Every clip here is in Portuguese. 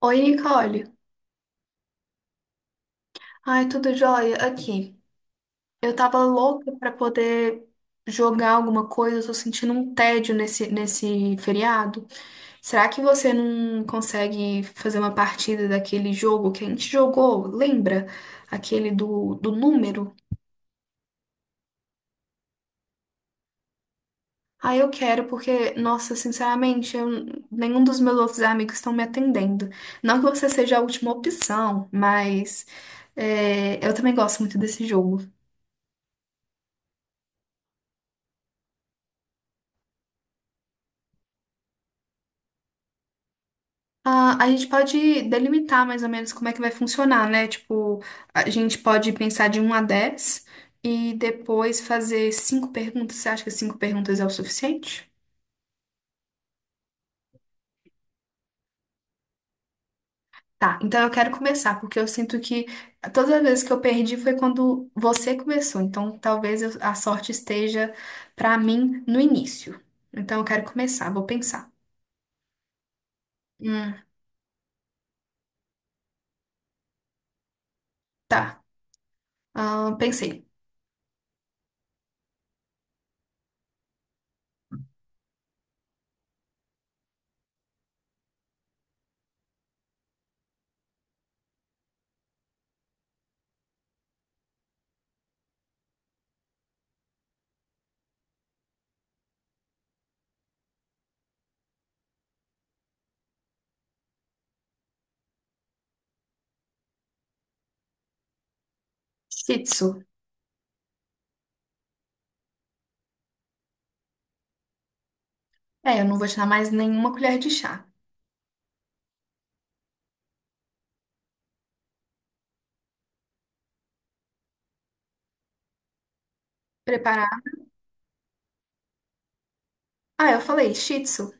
Oi, Nicole. Ai, tudo jóia? Aqui. Eu tava louca pra poder jogar alguma coisa, eu tô sentindo um tédio nesse feriado. Será que você não consegue fazer uma partida daquele jogo que a gente jogou? Lembra? Aquele do número? Ah, eu quero, porque, nossa, sinceramente, nenhum dos meus outros amigos estão me atendendo. Não que você seja a última opção, mas é, eu também gosto muito desse jogo. Ah, a gente pode delimitar mais ou menos como é que vai funcionar, né? Tipo, a gente pode pensar de um a 10 e depois fazer cinco perguntas. Você acha que cinco perguntas é o suficiente? Tá, então eu quero começar, porque eu sinto que todas as vezes que eu perdi foi quando você começou. Então, talvez a sorte esteja pra mim no início. Então, eu quero começar, vou pensar. Hum, tá. Ah, pensei. Shih Tzu. É, eu não vou te dar mais nenhuma colher de chá. Preparar. Ah, eu falei Shih Tzu.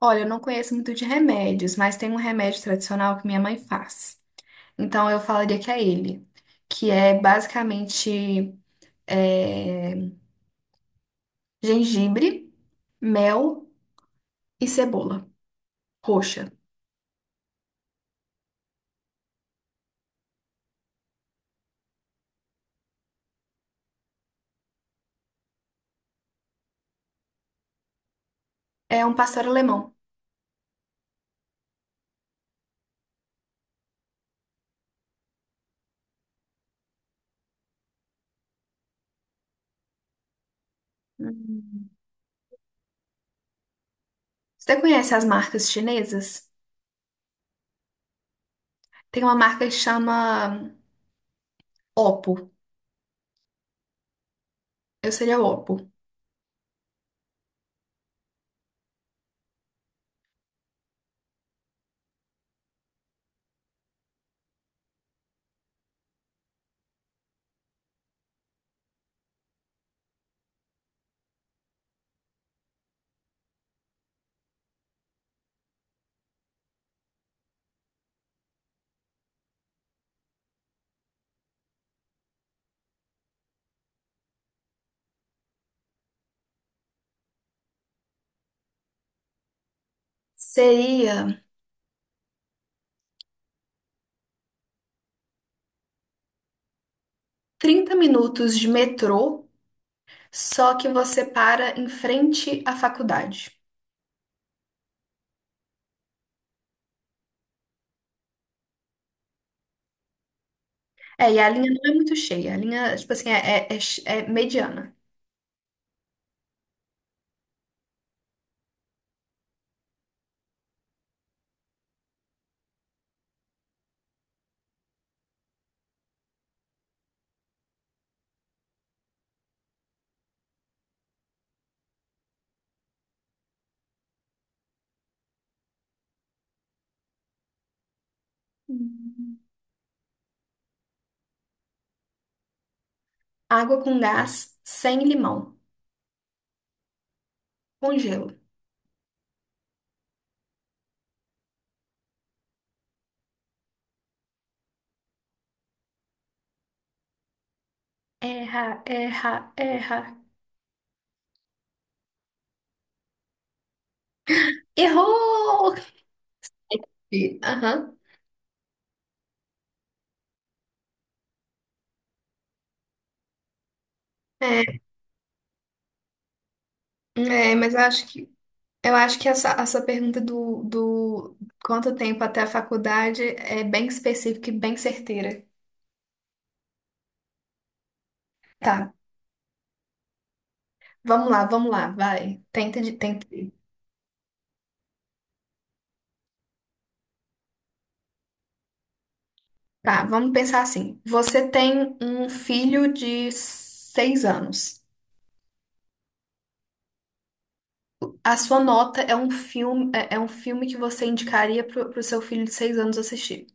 Olha, eu não conheço muito de remédios, mas tem um remédio tradicional que minha mãe faz. Então eu falaria que é ele, que é basicamente é, gengibre, mel e cebola roxa. É um pastel alemão. Hum. Você conhece as marcas chinesas? Tem uma marca que chama Oppo. Eu seria o Oppo. Seria 30 minutos de metrô, só que você para em frente à faculdade. É, e a linha não é muito cheia. A linha, tipo assim, é mediana. Hum. Água com gás, sem limão, com gelo. Erra, erra, erra. Errou! Aham. É, é, mas eu acho que essa pergunta do quanto tempo até a faculdade é bem específica e bem certeira. Tá, vamos lá, vai. Tenta. Tá, vamos pensar assim. Você tem um filho de 6 anos. A Sua Nota é um filme, é um filme que você indicaria pro seu filho de 6 anos assistir.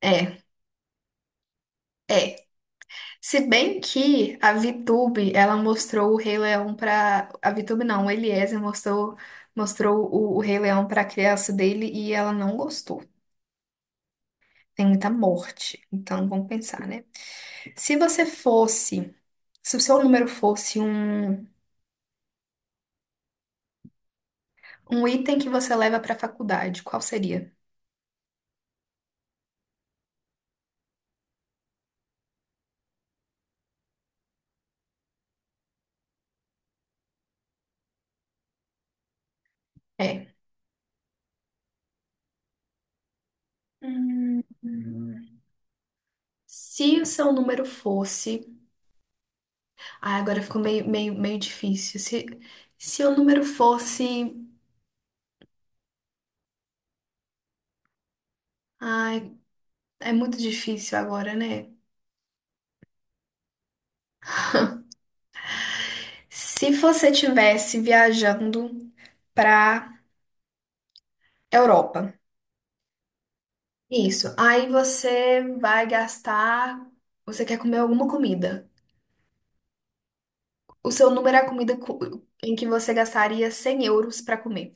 É, é. Se bem que a VTube, ela mostrou o Rei Leão pra. A VTube não, o Eliezer mostrou, mostrou o Rei Leão pra criança dele e ela não gostou. Tem muita morte. Então vamos pensar, né? Se você fosse. Se o seu número fosse um item que você leva pra faculdade, qual seria? É. Hum. Se o seu número fosse Ah, agora ficou meio, meio, meio difícil. Se, o número fosse. Ai, é muito difícil agora, né? Se você tivesse viajando pra Europa, isso. Aí você vai gastar. Você quer comer alguma comida. O seu número é a comida em que você gastaria 100 euros pra comer.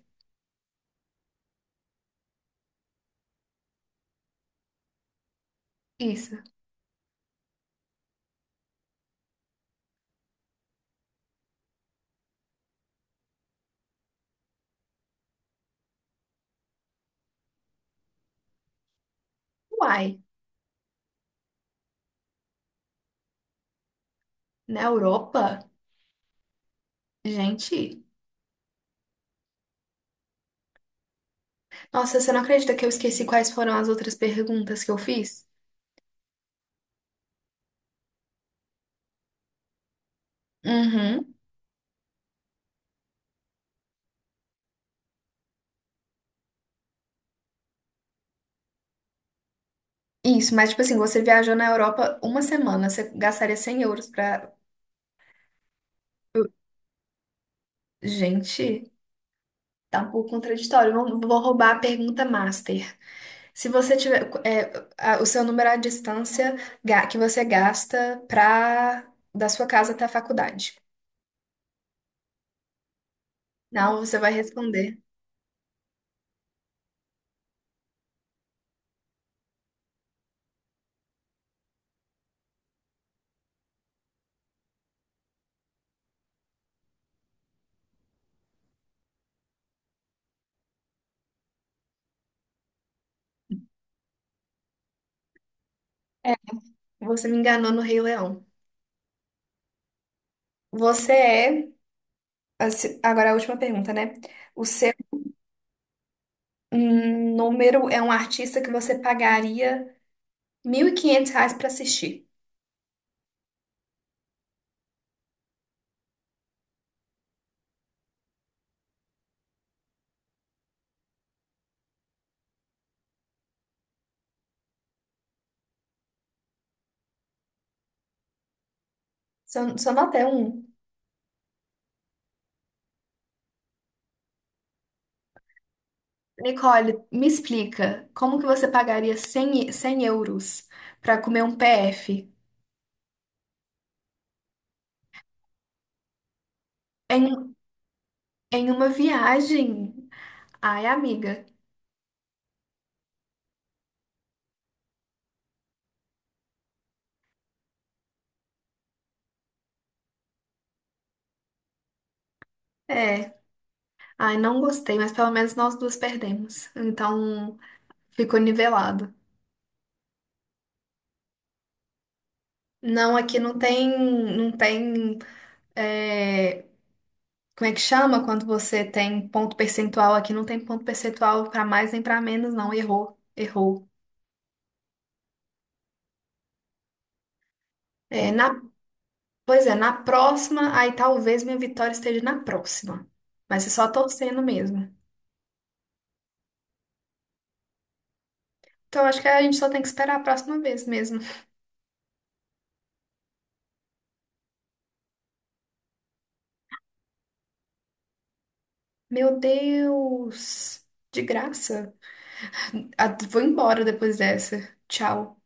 Isso. Uai, na Europa? Gente. Nossa, você não acredita que eu esqueci quais foram as outras perguntas que eu fiz? Uhum. Isso, mas tipo assim, você viajou na Europa uma semana, você gastaria 100 euros pra. Gente, tá um pouco contraditório. Vou roubar a pergunta master. Se você tiver. O seu número é a distância que você gasta da sua casa até a faculdade. Não, você vai responder. É, você me enganou no Rei Leão. Você é. Assim, agora a última pergunta, né? O seu número é um artista que você pagaria 1.500 reais pra assistir. Só nota é um. Nicole, me explica, como que você pagaria 100 euros para comer um PF em, em uma viagem? Ai, amiga, é. Ai, não gostei, mas pelo menos nós duas perdemos. Então, ficou nivelado. Não, aqui não tem, não tem, é, como é que chama quando você tem ponto percentual? Aqui não tem ponto percentual para mais nem para menos, não. Errou, errou. É, na Pois é, na próxima, aí talvez minha vitória esteja na próxima. Mas é só torcendo mesmo. Então acho que a gente só tem que esperar a próxima vez mesmo. Meu Deus! De graça. Ah, vou embora depois dessa. Tchau.